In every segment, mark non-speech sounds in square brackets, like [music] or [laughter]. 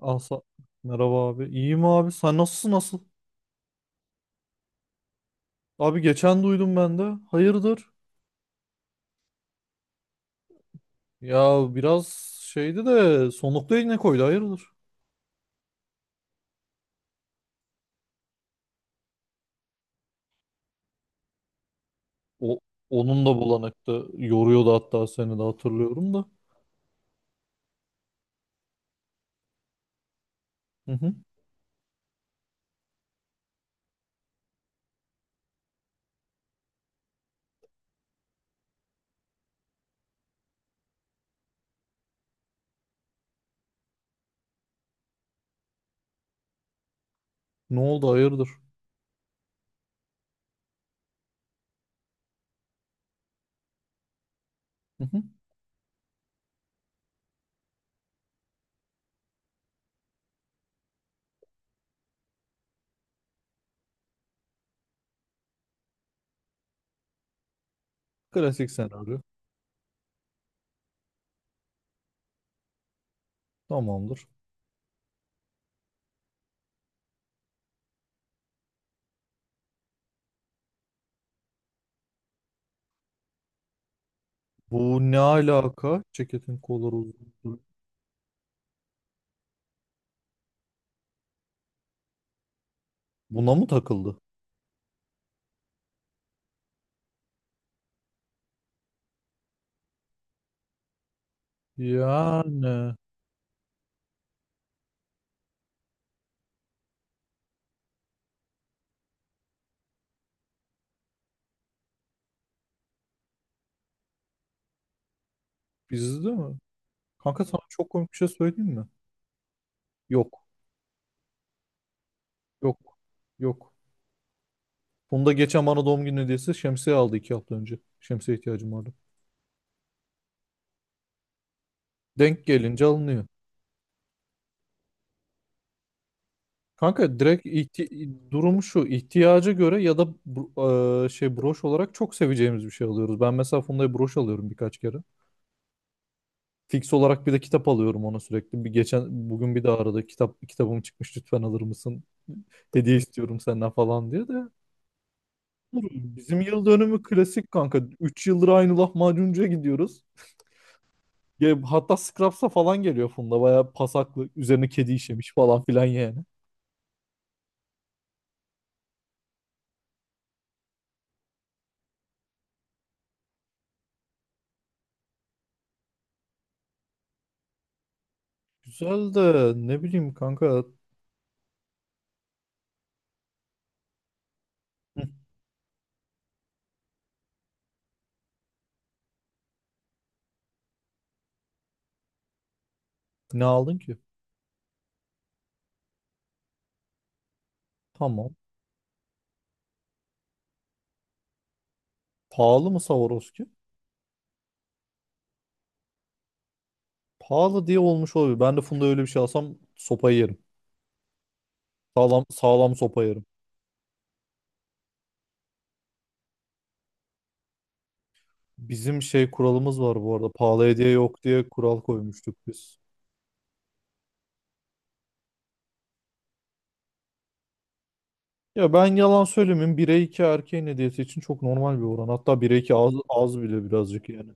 Asa merhaba abi. İyiyim abi. Sen nasılsın? Abi geçen duydum ben de. Hayırdır? Ya biraz şeydi de sonlukta yine koydu. Hayırdır? O onun da bulanıktı. Yoruyordu, hatta seni de hatırlıyorum da. Hı hı. Ne oldu, hayırdır? Hı hı. Klasik senaryo. Tamamdır. Bu ne alaka? Ceketin kolları uzun. Buna mı takıldı? Yani bizde mi? Kanka, sana çok komik bir şey söyleyeyim mi? Yok. Yok. Yok. Onu da geçen bana doğum günü hediyesi şemsiye aldı 2 hafta önce. Şemsiye ihtiyacım vardı. Denk gelince alınıyor. Kanka direkt durum şu. İhtiyaca göre ya da şey, broş olarak çok seveceğimiz bir şey alıyoruz. Ben mesela Funda'ya broş alıyorum birkaç kere. Fix olarak bir de kitap alıyorum ona sürekli. Bir geçen bugün bir de aradı. Kitabım çıkmış, lütfen alır mısın? Hediye istiyorum senden falan diye de. Bizim yıl dönümü klasik kanka. 3 yıldır aynı lahmacuncuya gidiyoruz. Ya hatta Scraps'a falan geliyor Funda. Bayağı pasaklı. Üzerine kedi işemiş falan filan yani. Güzel de ne bileyim kanka. Hı. Ne aldın ki? Tamam. Pahalı mı Swarovski? Pahalı diye olmuş olabilir. Ben de Funda öyle bir şey alsam sopayı yerim. Sağlam, sağlam sopa yerim. Bizim şey kuralımız var bu arada. Pahalı hediye yok diye kural koymuştuk biz. Ya ben yalan söylemeyeyim. 1'e 2 erkeğin hediyesi için çok normal bir oran. Hatta 1'e 2 az, az bile birazcık yani.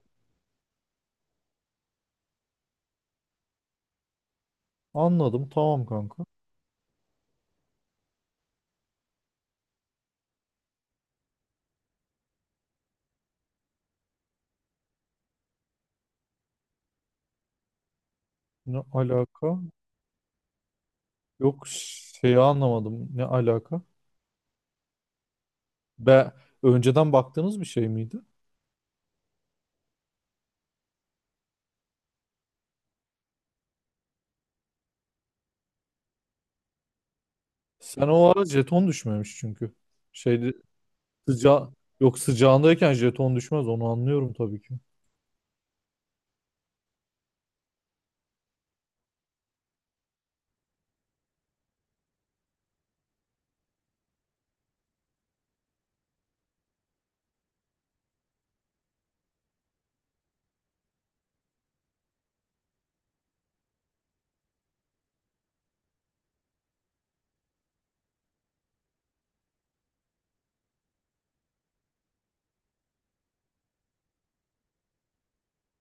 Anladım. Tamam kanka. Ne alaka? Yok, şeyi anlamadım. Ne alaka? Be, önceden baktığınız bir şey miydi? Sen o ara jeton düşmemiş çünkü. Şeyde sıca yok sıcağındayken jeton düşmez, onu anlıyorum tabii ki.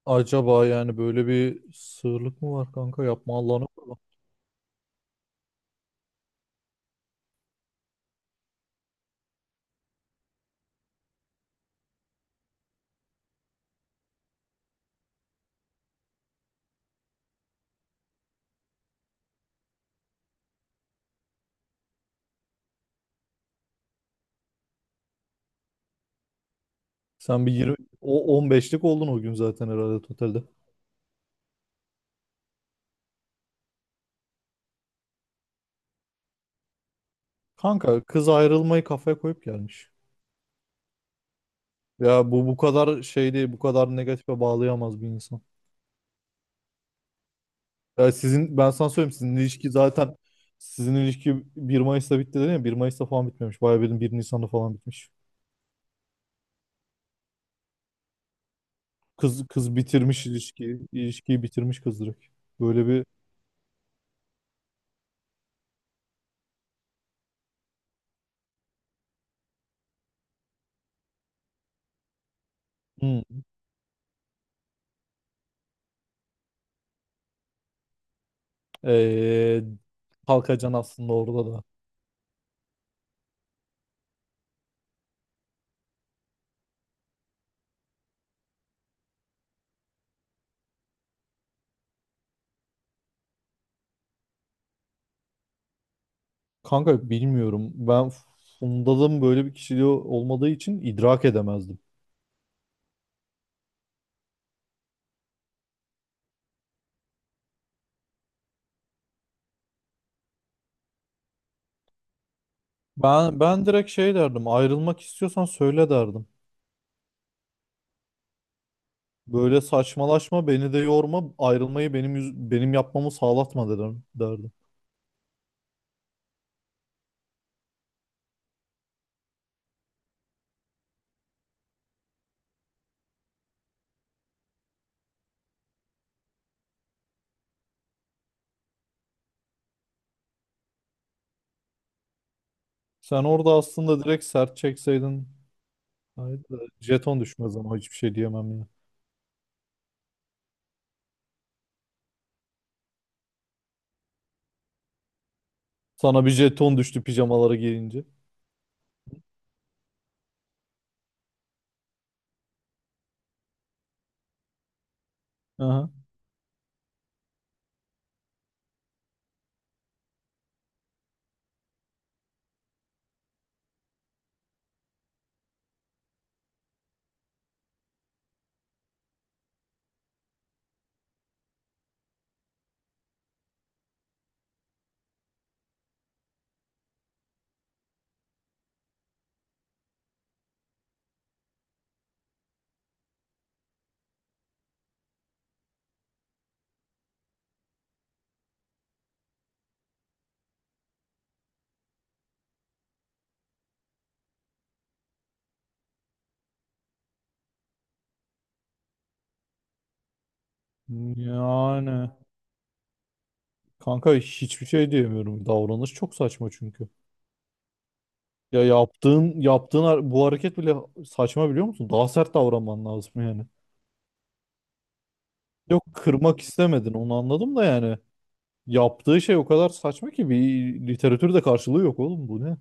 Acaba yani böyle bir sığırlık mı var kanka? Yapma, Allah'ını korusun. Sen bir 20 o 15'lik oldun o gün zaten herhalde totalde. Kanka, kız ayrılmayı kafaya koyup gelmiş. Ya bu kadar şey değil, bu kadar negatife bağlayamaz bir insan. Ya sizin, ben sana söyleyeyim, sizin ilişki bir Mayıs'ta bitti dedin ya, bir Mayıs'ta falan bitmemiş. Bayağı bildiğin bir Nisan'da falan bitmiş. Kız bitirmiş ilişkiyi, ilişkiyi bitirmiş kız direkt. Böyle bir hmm, ee, Kalkacan aslında orada da. Kanka bilmiyorum. Ben Funda'nın böyle bir kişiliği olmadığı için idrak edemezdim. Ben direkt şey derdim. Ayrılmak istiyorsan söyle derdim. Böyle saçmalaşma, beni de yorma, ayrılmayı benim benim yapmamı sağlatma dedim derdim. Sen orada aslında direkt sert çekseydin. Haydi de jeton düşmez ama hiçbir şey diyemem ya. Sana bir jeton düştü pijamaları giyince. Aha. Yani kanka, hiçbir şey diyemiyorum. Davranış çok saçma çünkü. Ya bu hareket bile saçma, biliyor musun? Daha sert davranman lazım yani. Yok, kırmak istemedin onu anladım da yani. Yaptığı şey o kadar saçma ki bir literatürde karşılığı yok oğlum, bu ne?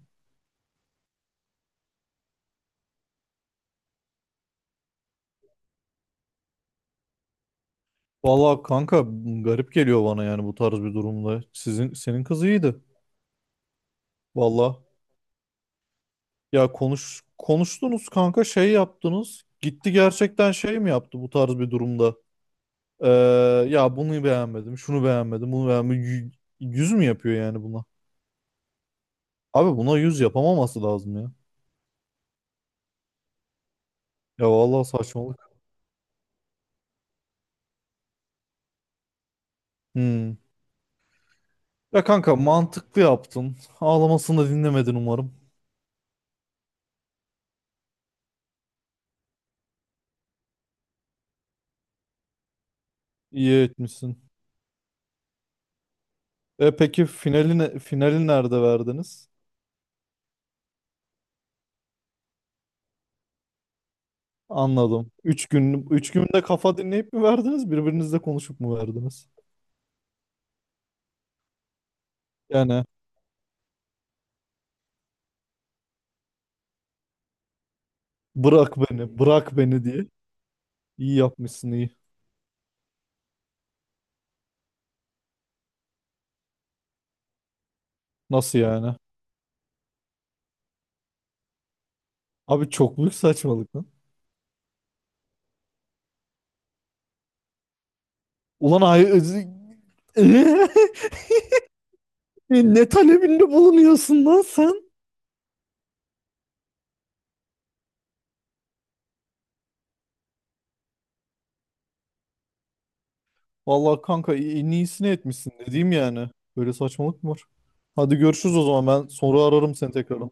Vallahi kanka, garip geliyor bana yani bu tarz bir durumda. Senin kız iyiydi. Vallahi, ya konuştunuz kanka, şey yaptınız. Gitti, gerçekten şey mi yaptı bu tarz bir durumda? Ee, Ya bunu beğenmedim, şunu beğenmedim, bunu beğenmedim. Yüz mü yapıyor yani buna? Abi buna yüz yapamaması lazım ya. Ya vallahi saçmalık. Hmm. Ya kanka, mantıklı yaptın. Ağlamasını da dinlemedin umarım. İyi etmişsin. E peki finali finali nerede verdiniz? Anladım. Üç günde kafa dinleyip mi verdiniz? Birbirinizle konuşup mu verdiniz? Yani bırak beni, bırak beni diye. İyi yapmışsın iyi. Nasıl yani? Abi çok büyük saçmalık lan. Ulan ay [laughs] Ne talebinde bulunuyorsun lan sen? Vallahi kanka, en iyisini etmişsin dediğim yani. Böyle saçmalık mı var? Hadi görüşürüz o zaman, ben sonra ararım seni tekrar.